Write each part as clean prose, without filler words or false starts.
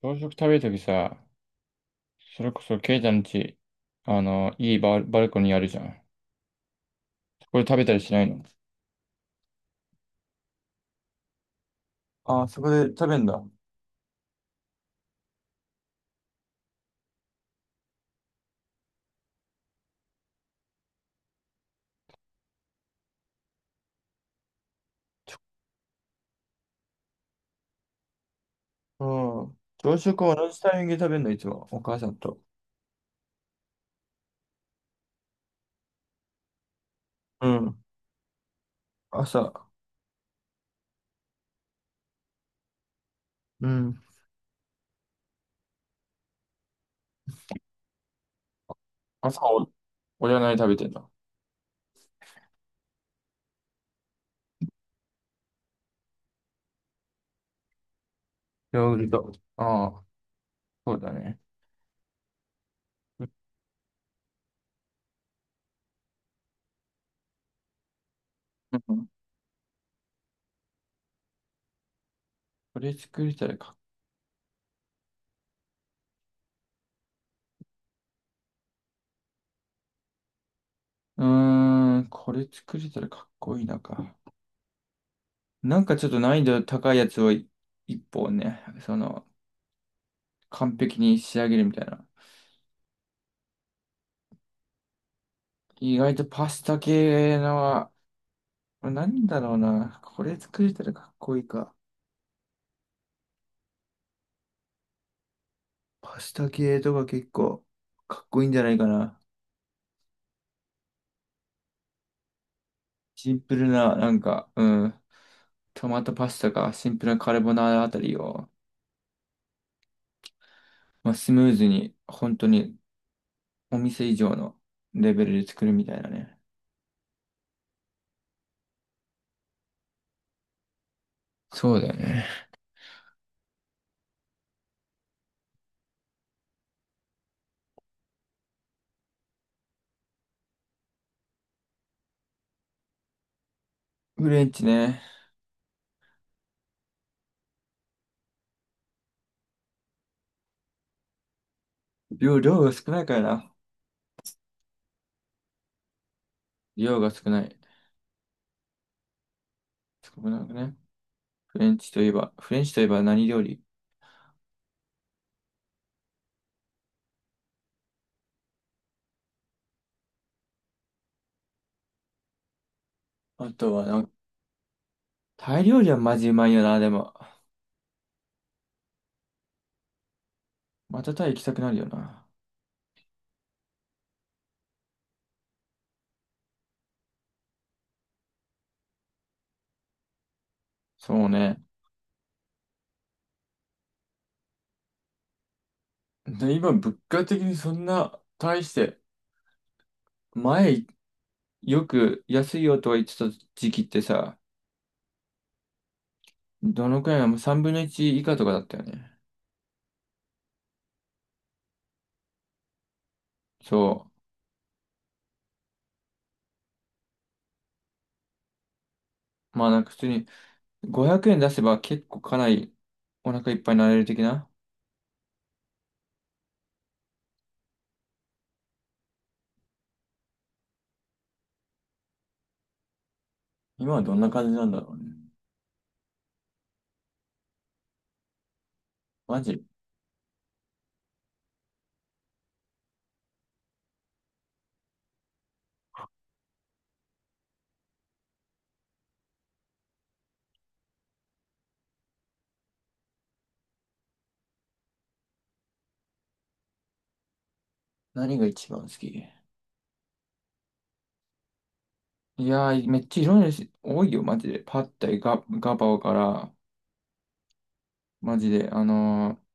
朝食食べるときさ、それこそケイちゃんち、いいバルコニーあるじゃん。そこで食べたりしないの？ああ、そこで食べんだ。うん。朝食は同じタイミングで食べんの、いつも。お母さんと。うん。朝。うん。朝俺は何食べてんの？ヨーグルト。ああ、そうだね。うんうんこれ作れたらか、これ作れたらかっこいいなか。なんかちょっと難易度高いやつを一本ね、完璧に仕上げるみたいな。意外とパスタ系の、なんだろうな。これ作れたらかっこいいか。パスタ系とか結構かっこいいんじゃないかな。シンプルな、なんか、うん。トマトパスタかシンプルなカルボナーラあたりを、まあ、スムーズに、本当にお店以上のレベルで作るみたいなね。そうだよね。フレンチね。量が少ないからな。量が少ない。少なくね。フレンチといえば、フレンチといえば何料理？あとはなんタイ料理はマジうまいよな、でも。またタイ行きたくなるよな。そうね。で、今、物価的にそんな、大して、前、よく安いよとは言ってた時期ってさ、どのくらいなの？3分の1以下とかだったよね。そう。まあなんか普通に500円出せば結構かなりお腹いっぱいになれる的な。今はどんな感じなんだろうね。マジ、何が一番好き？いやー、めっちゃいろんな種類多いよ、マジで。パッタイ、ガパオから、マジで、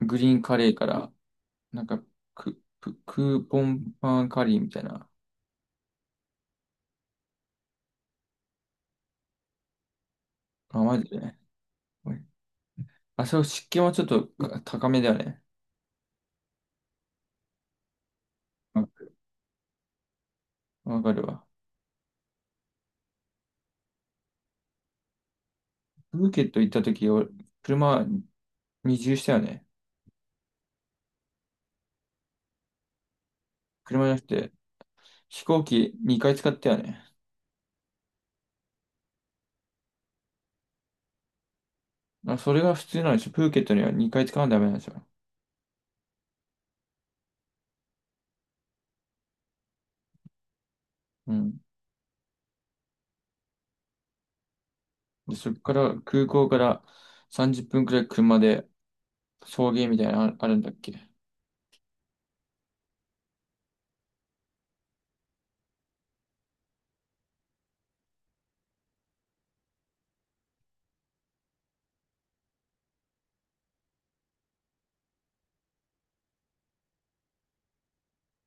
グリーンカレーから、なんか、クーポンパンカリーみたいな。あ、マジでね。おいあ、そう、湿気はちょっとか高めだよね。わわかるわ。プーケット行った時、俺車二重したよね。車じゃなくて、飛行機2回使ったよね。あ、それが普通なんでしょ。プーケットには2回使わないとダメなんでしょ。うん。で、そっから、空港から30分くらい車で送迎みたいなのああるんだっけ？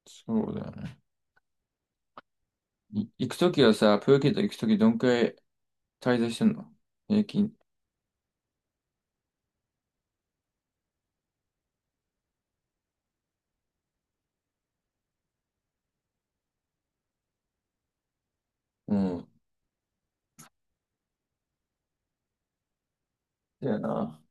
そうだよね。行くときはさ、プーケット行くときどんくらい滞在してんの？平均。うん。だよな。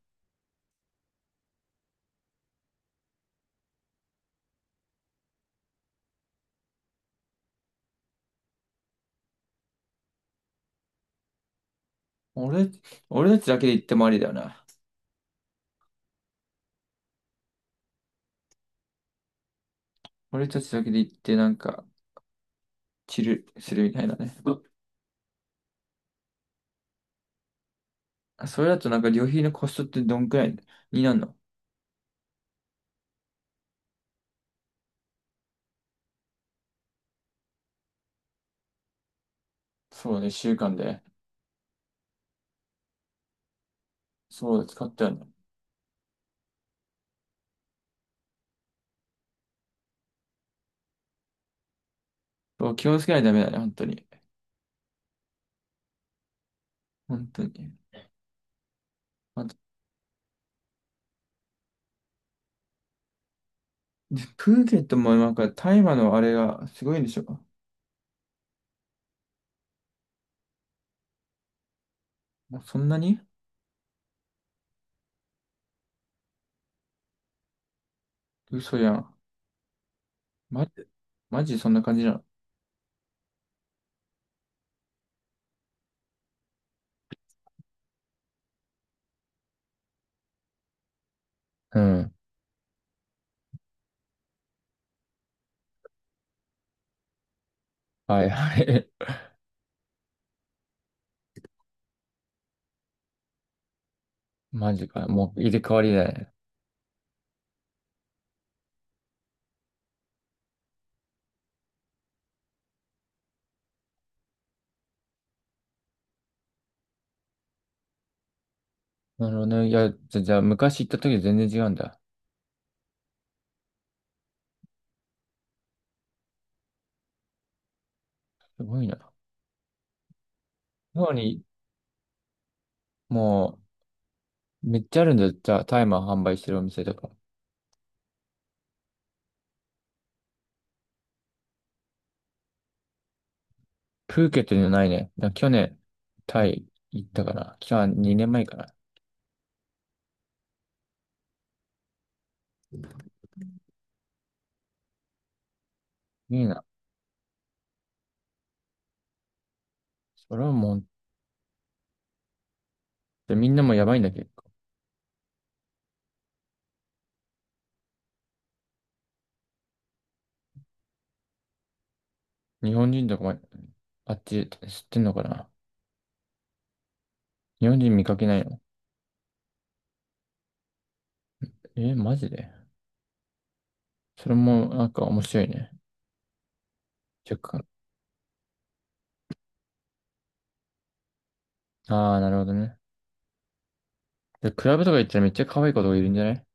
俺、俺たちだけで行ってもありだよな。俺たちだけで行ってなんか、チルするみたいなね。あ、それだとなんか旅費のコストってどんくらいになるの？そうね、週間で。そうだ、使ったよね。そう、気をつけないとダメだね、本当に。本当に。あと、でプーケットもなんか大麻のあれがすごいんでしょ？もうそんなに？嘘やん。マジ、マジでそんな感じなの？うん。はいはい。マジか。もう入れ替わりだね。なるほどね。いや、じゃあ昔行った時全然違うんだ。すごいな。なのに、もう、めっちゃあるんだよ。じゃあ、タイマー販売してるお店とか。プーケットにはないね。去年、タイ行ったかな。去年2年前かな。いいな。それはもう、でみんなもやばいんだけど。日本人とかも、あっち知ってんのかな？日本人見かけないの？え、マジで？それもなんか面白いね。若干。ああ、なるほどね。で、クラブとか行ったらめっちゃ可愛い子とかいるんじゃない？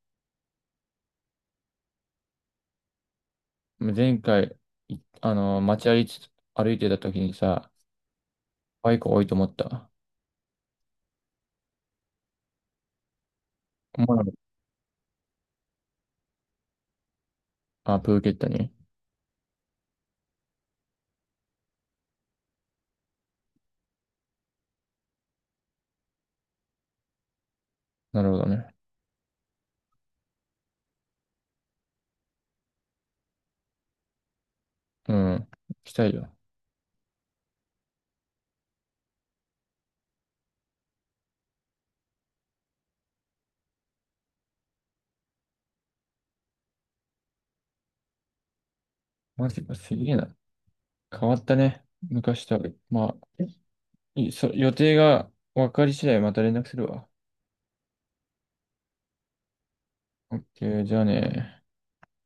前回、いあの、街歩いて、歩いてた時にさ、バイク多いと思った。思わなかったあ、プーケットに？なるほどね。うん。行きたいよ。マジか、すげえな。変わったね。昔とは。まあ、予定が分かり次第また連絡するわ。オッケー、じゃあね。